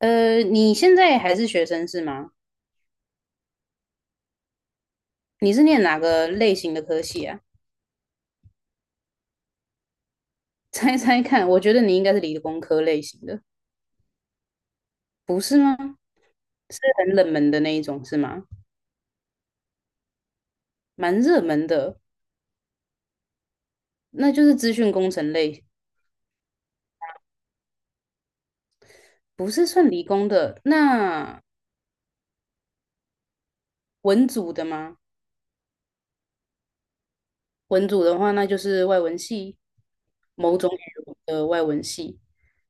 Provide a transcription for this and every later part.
你现在还是学生是吗？你是念哪个类型的科系啊？猜猜看，我觉得你应该是理工科类型的，不是吗？是很冷门的那一种是吗？蛮热门的，那就是资讯工程类，不是算理工的。那文组的吗？文组的话，那就是外文系，某种语文的外文系，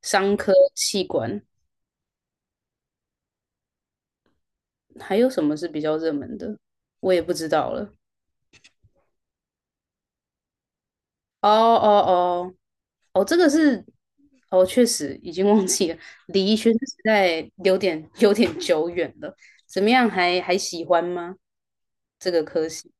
商科、气管，还有什么是比较热门的？我也不知道了。哦哦哦，哦，这个是，哦，确实已经忘记了，李怡轩时代有点久远了。怎么样还，还喜欢吗？这个科系？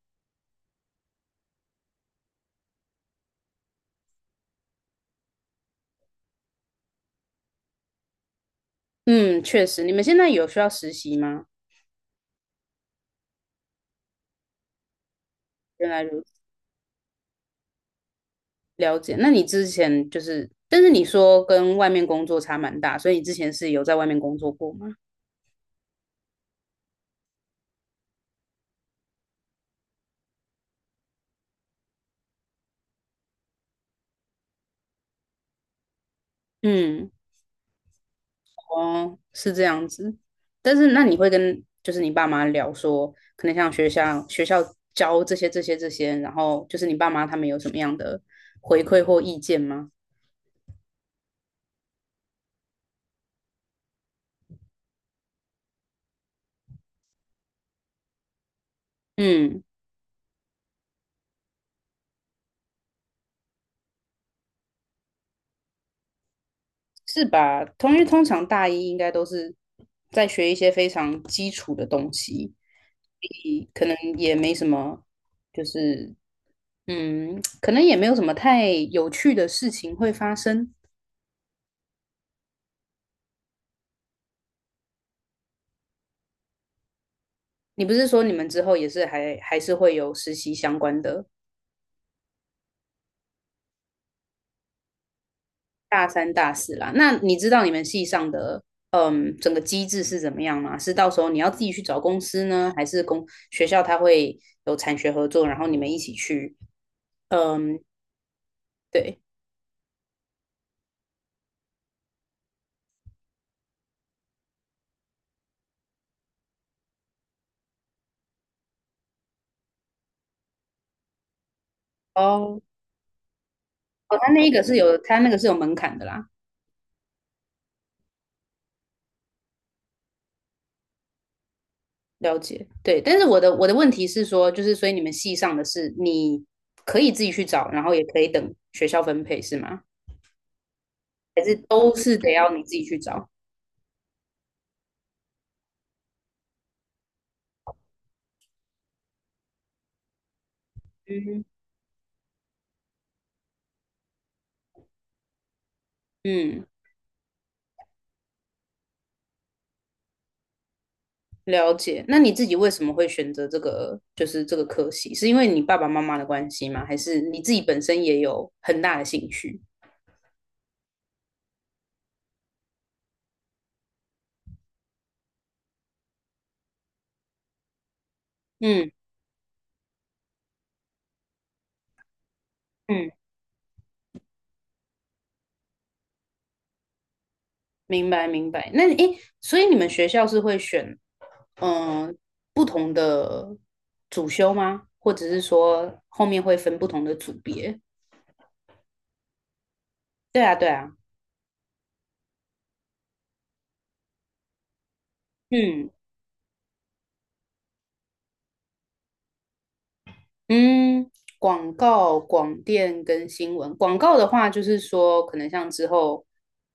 嗯，确实，你们现在有需要实习吗？原来如此，了解。那你之前就是，但是你说跟外面工作差蛮大，所以你之前是有在外面工作过吗？嗯。哦，是这样子。但是那你会跟就是你爸妈聊说，可能像学校教这些，然后就是你爸妈他们有什么样的回馈或意见吗？嗯，是吧？通因为通常大一应该都是在学一些非常基础的东西，可能也没什么，就是嗯，可能也没有什么太有趣的事情会发生。你不是说你们之后也是还还是会有实习相关的，大三、大四啦。那你知道你们系上的嗯整个机制是怎么样吗？是到时候你要自己去找公司呢，还是公学校它会有产学合作，然后你们一起去？嗯，对，哦，哦，他那个是有，他那个是有门槛的啦，了解。对，但是我的问题是说，就是所以你们系上的是你可以自己去找，然后也可以等学校分配是吗？还是都是得要你自己去找？嗯嗯。了解。那你自己为什么会选择这个，就是这个科系？是因为你爸爸妈妈的关系吗？还是你自己本身也有很大的兴趣？嗯嗯，明白明白。那你诶，所以你们学校是会选嗯、呃不同的主修吗？或者是说后面会分不同的组别？对啊对啊，嗯嗯，广告、广电跟新闻。广告的话，就是说，可能像之后，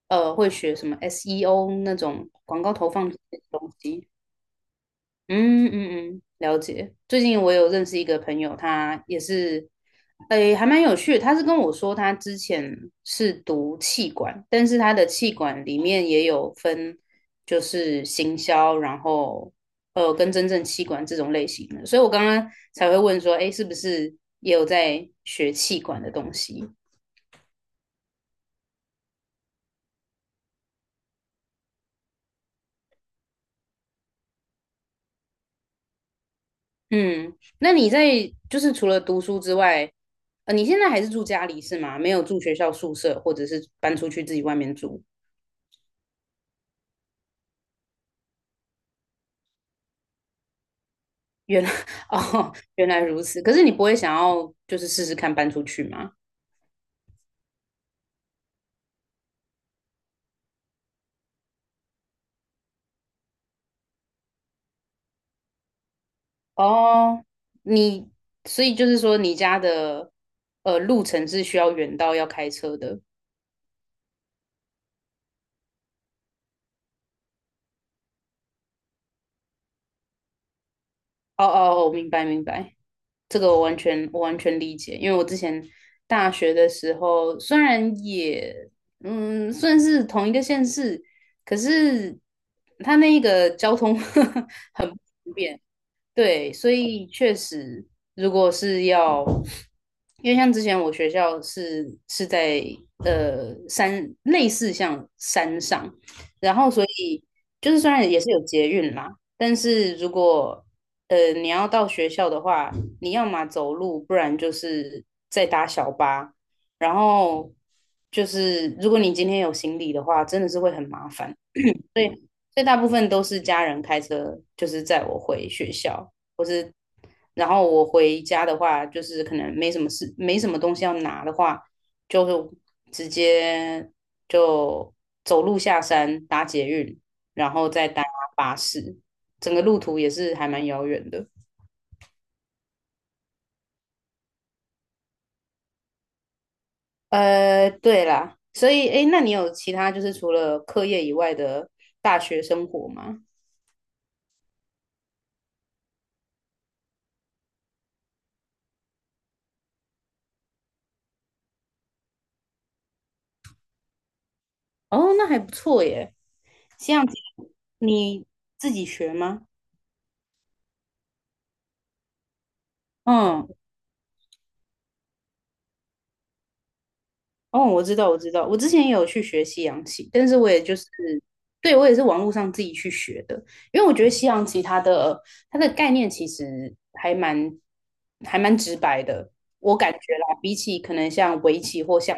会学什么 SEO 那种广告投放这些东西。嗯嗯嗯，了解。最近我有认识一个朋友，他也是，诶，还蛮有趣的。他是跟我说，他之前是读气管，但是他的气管里面也有分，就是行销，然后跟真正气管这种类型的。所以我刚刚才会问说，诶，是不是也有在学气管的东西？嗯，那你在就是除了读书之外，你现在还是住家里是吗？没有住学校宿舍，或者是搬出去自己外面住？原来 哦，原来如此。可是你不会想要就是试试看搬出去吗？哦，你所以就是说你家的路程是需要远到要开车的。哦哦，我明白明白，这个我完全理解，因为我之前大学的时候虽然也嗯算是同一个县市，可是它那个交通 很不方便。对，所以确实，如果是要，因为像之前我学校是在山，类似像山上，然后所以就是虽然也是有捷运啦，但是如果你要到学校的话，你要么走路，不然就是再搭小巴，然后就是如果你今天有行李的话，真的是会很麻烦。所以，所以大部分都是家人开车，就是载我回学校，或是然后我回家的话，就是可能没什么事，没什么东西要拿的话，就是直接就走路下山搭捷运，然后再搭巴士，整个路途也是还蛮遥远的。对啦，所以诶，那你有其他就是除了课业以外的大学生活吗？哦，那还不错耶。西洋棋你自己学吗？嗯，哦，我知道，我知道，我之前也有去学西洋棋，但是我也就是，对，我也是网络上自己去学的，因为我觉得西洋棋它的它的概念其实还蛮直白的，我感觉啦，比起可能像围棋或像。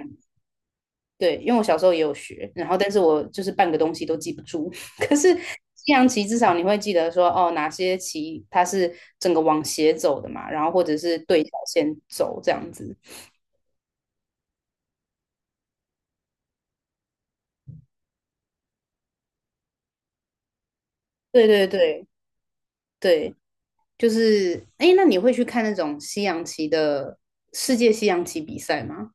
对，因为我小时候也有学，然后但是我就是半个东西都记不住。可是西洋棋至少你会记得说，哦，哪些棋它是整个往斜走的嘛，然后或者是对角线走这样子。对对对，对，就是哎，那你会去看那种西洋棋的世界西洋棋比赛吗？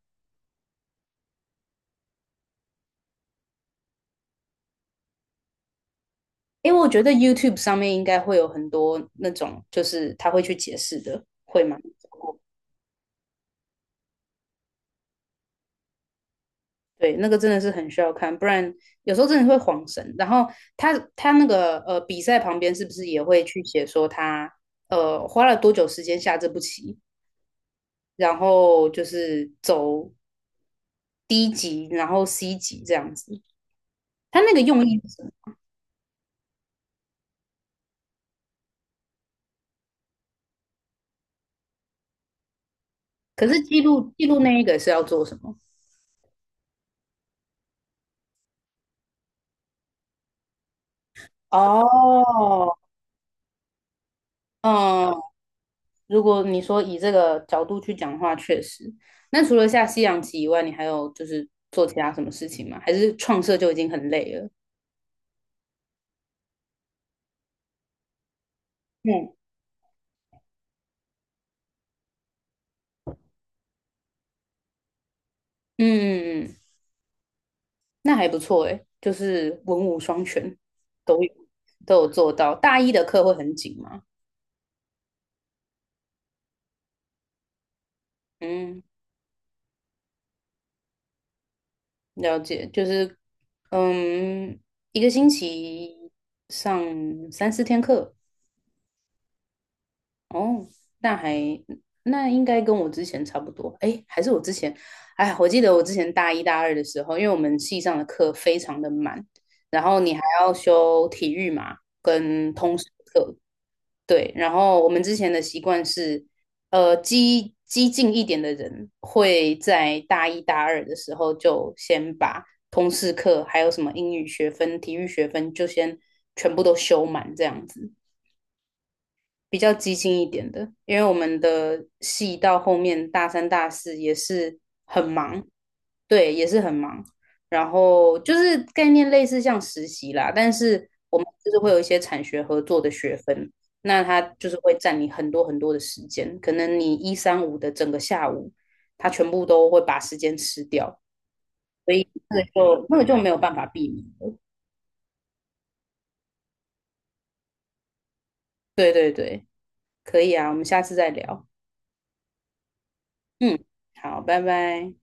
因为我觉得 YouTube 上面应该会有很多那种，就是他会去解释的，会吗？对，那个真的是很需要看，不然有时候真的会晃神。然后他他那个比赛旁边是不是也会去写说他花了多久时间下这步棋，然后就是走 D 级，然后 C 级这样子。他那个用意是什么，可是记录那一个是要做什么？哦，嗯，如果你说以这个角度去讲的话，确实。那除了下西洋棋以外，你还有就是做其他什么事情吗？还是创设就已经很累了？嗯。嗯，嗯嗯嗯，那还不错诶，就是文武双全，都有都有做到。大一的课会很紧吗？嗯，了解，就是嗯，一个星期上三四天课，哦，那还，那应该跟我之前差不多。诶，还是我之前，哎，我记得我之前大一大二的时候，因为我们系上的课非常的满，然后你还要修体育嘛，跟通识课。对，然后我们之前的习惯是，激进一点的人会在大一大二的时候就先把通识课，还有什么英语学分、体育学分，就先全部都修满，这样子，比较激进一点的。因为我们的系到后面大三、大四也是很忙，对，也是很忙。然后就是概念类似像实习啦，但是我们就是会有一些产学合作的学分，那它就是会占你很多的时间，可能你一三五的整个下午，它全部都会把时间吃掉，所以那个就没有办法避免了。对对对，可以啊，我们下次再聊。嗯，好，拜拜。